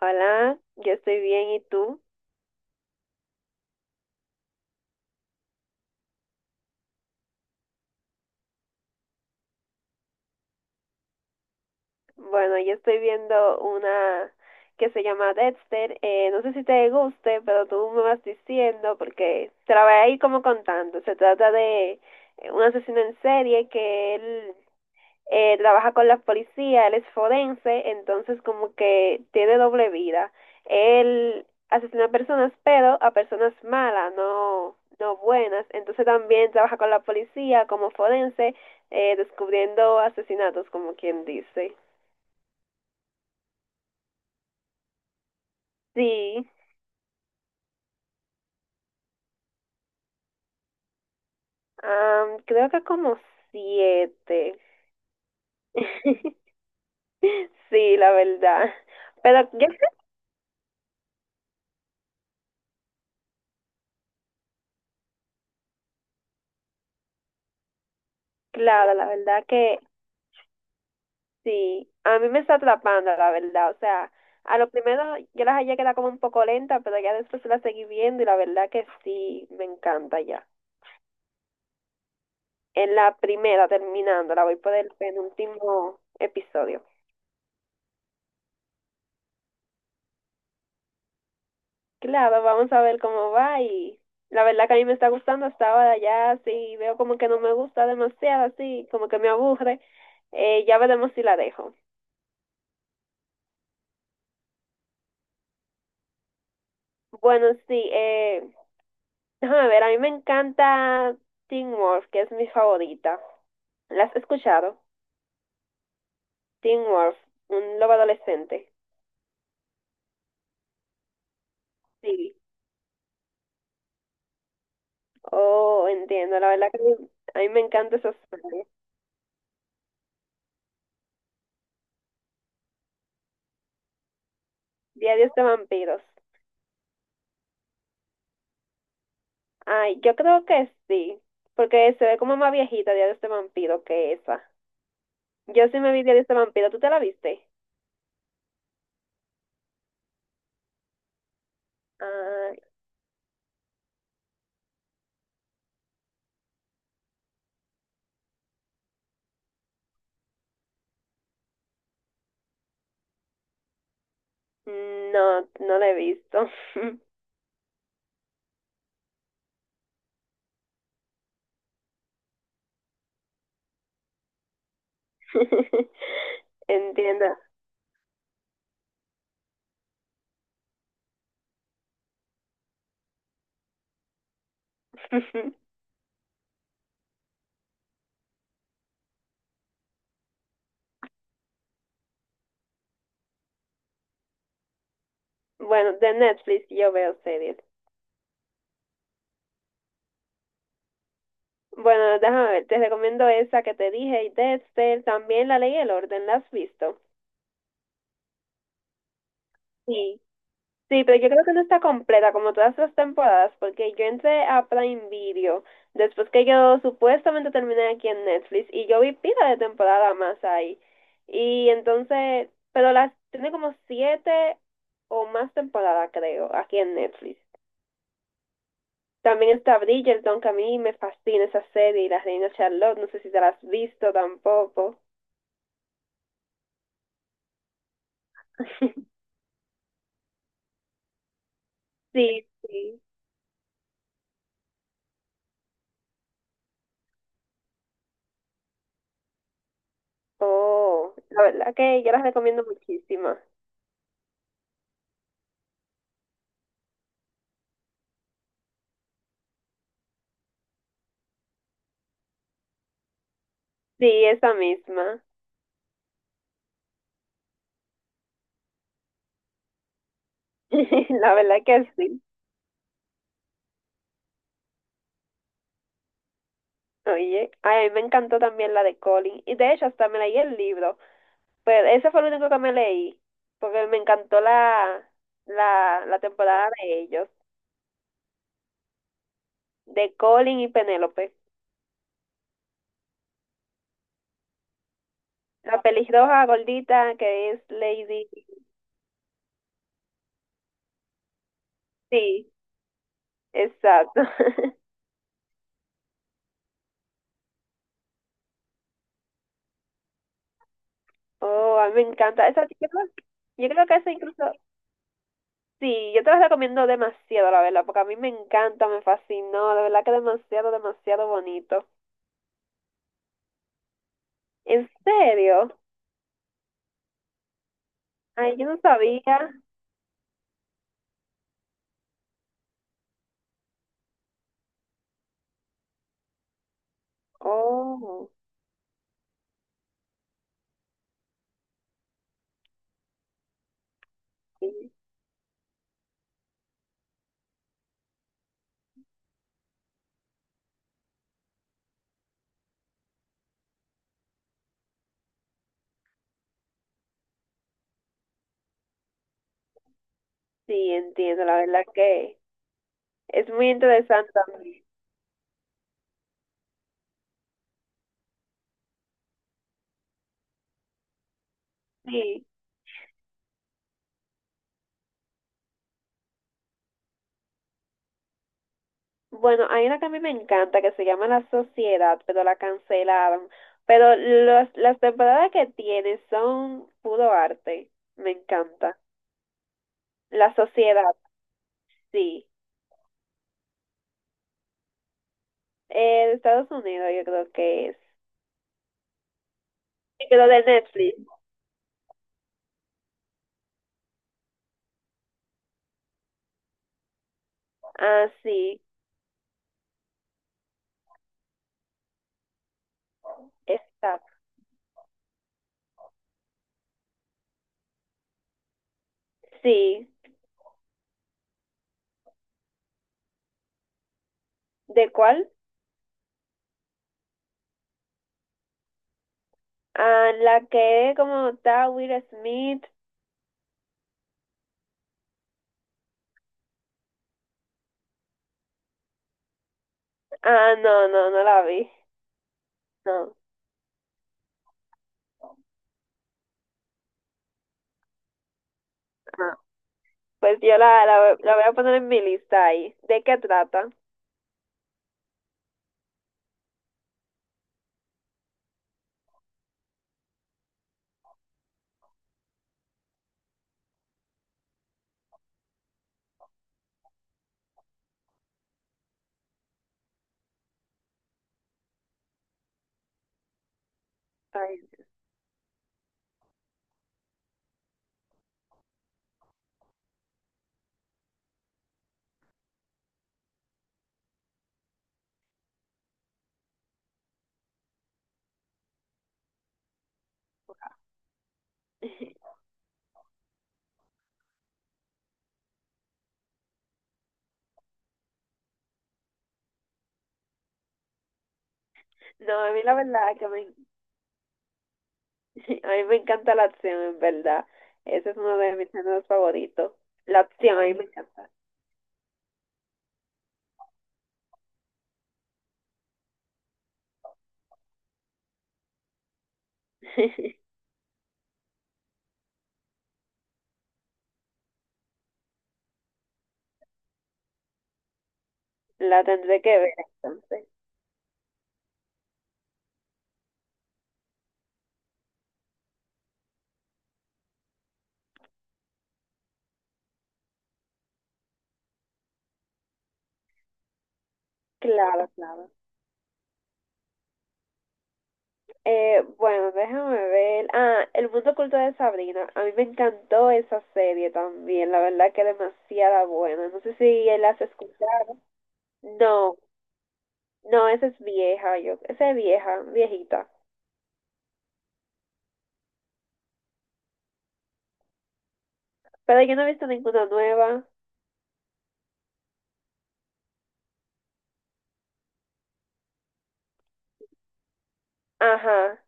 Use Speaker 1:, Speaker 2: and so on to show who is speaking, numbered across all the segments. Speaker 1: Hola, yo estoy bien, ¿y tú? Bueno, yo estoy viendo una que se llama Dexter. No sé si te guste, pero tú me vas diciendo porque te la voy a ir como contando. Se trata de un asesino en serie que él trabaja con la policía, él es forense, entonces como que tiene doble vida. Él asesina a personas, pero a personas malas, no, no buenas. Entonces también trabaja con la policía como forense, descubriendo asesinatos, como quien dice. Sí, creo que como 7. Sí, la verdad. Pero yo creo, claro, la verdad que sí, a mí me está atrapando, la verdad. O sea, a lo primero yo las hallé que era como un poco lenta, pero ya después la seguí viendo y la verdad que sí, me encanta ya. En la primera, terminando, la voy por el penúltimo episodio. Claro, vamos a ver cómo va y la verdad que a mí me está gustando hasta ahora ya, sí, veo como que no me gusta demasiado, así, como que me aburre. Ya veremos si la dejo. Bueno, sí, déjame ver, a mí me encanta Teen Wolf, que es mi favorita. ¿La has escuchado? Teen Wolf, un lobo adolescente. Sí. Oh, entiendo. La verdad que a mí me encanta esos serie. Diarios de vampiros. Ay, yo creo que sí. Porque se ve como más viejita Diarios de vampiro que esa. Yo sí me vi Diarios de vampiro. ¿Tú te la viste? Ay, no, no la he visto. Entiendo. Bueno, de Netflix yo veo series. Bueno, déjame ver, te recomiendo esa que te dije y Dexter, también La Ley y el Orden, ¿la has visto? Sí. Sí, pero yo creo que no está completa como todas las temporadas, porque yo entré a Prime Video después que yo supuestamente terminé aquí en Netflix y yo vi pila de temporada más ahí. Y entonces, pero las tiene como 7 o más temporadas, creo, aquí en Netflix. También está Bridgerton, que a mí me fascina esa serie, y la Reina Charlotte, no sé si te la has visto tampoco. Sí, sí. Oh, la verdad que yo las recomiendo muchísimo. Sí, esa misma. La verdad que sí. Oye, ay, a mí me encantó también la de Colin. Y de hecho, hasta me leí el libro. Pero ese fue el único que me leí. Porque me encantó la temporada de ellos. De Colin y Penélope. La pelirroja gordita que es Lady. Sí, exacto. Oh, a mí me encanta. Esa, yo creo que esa incluso. Sí, yo te las recomiendo demasiado, la verdad, porque a mí me encanta, me fascinó, de verdad que demasiado, demasiado bonito. ¿En serio? Ay, yo no sabía. Oh, sí, sí, entiendo, la verdad que es muy interesante también. Sí. Bueno, hay una que a mí me encanta que se llama La Sociedad, pero la cancelaron. Pero las temporadas que tiene son puro arte. Me encanta. La Sociedad, sí. De Estados Unidos, yo creo que es. Que lo de Netflix. Ah, sí, está. Sí, ¿de cuál? Ah, la que es como está Will Smith. Ah, no, no, no la vi. No. Ah, pues yo la voy a poner en mi lista ahí. ¿De qué trata? Ay, no, a mí la verdad que me, a mí me encanta la acción, en verdad. Ese es uno de mis géneros favoritos. La acción, a mí me encanta. La tendré que ver entonces. Claro, claro. Bueno, déjame ver. Ah, El mundo oculto de Sabrina. A mí me encantó esa serie también. La verdad que demasiada buena. No sé si él has escuchado. No, no, esa es vieja. Yo, esa es vieja, viejita. Pero yo no he visto ninguna nueva. Ajá.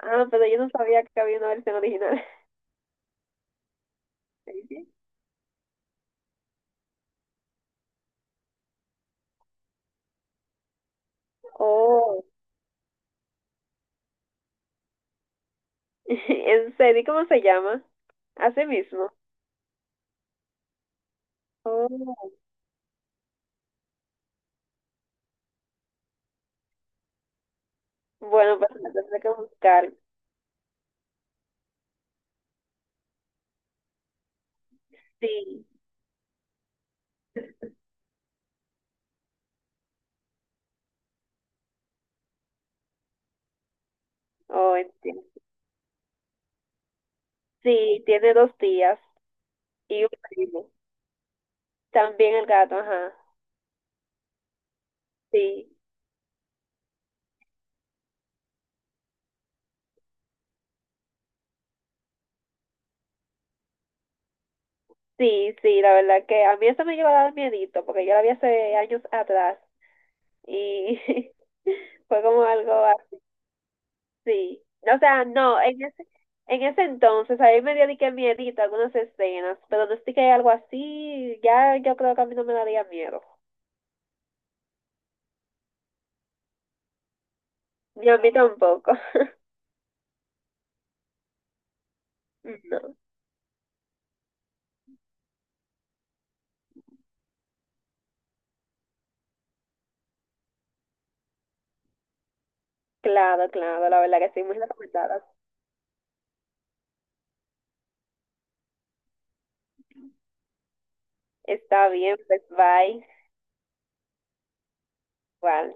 Speaker 1: Ah, pero yo no sabía que había una versión original. Oh, en serio, ¿cómo se llama? Así mismo. Oh. Bueno, pues la tendré que buscar. Sí. Oh, entiendo. Sí, tiene dos días. Y un primo. También el gato, ajá. Sí, sí, sí, la verdad que a mí eso me llegó a dar miedito, porque yo la vi hace años atrás y fue como algo así. O sea, no, en ese entonces a mí me dio de que miedito algunas escenas, pero no es de que hay algo así, ya yo creo que a mí no me daría miedo. Ni a mí tampoco. No, claro, claro, la verdad que sí, muy recomendada. Está bien, pues bye. Igual.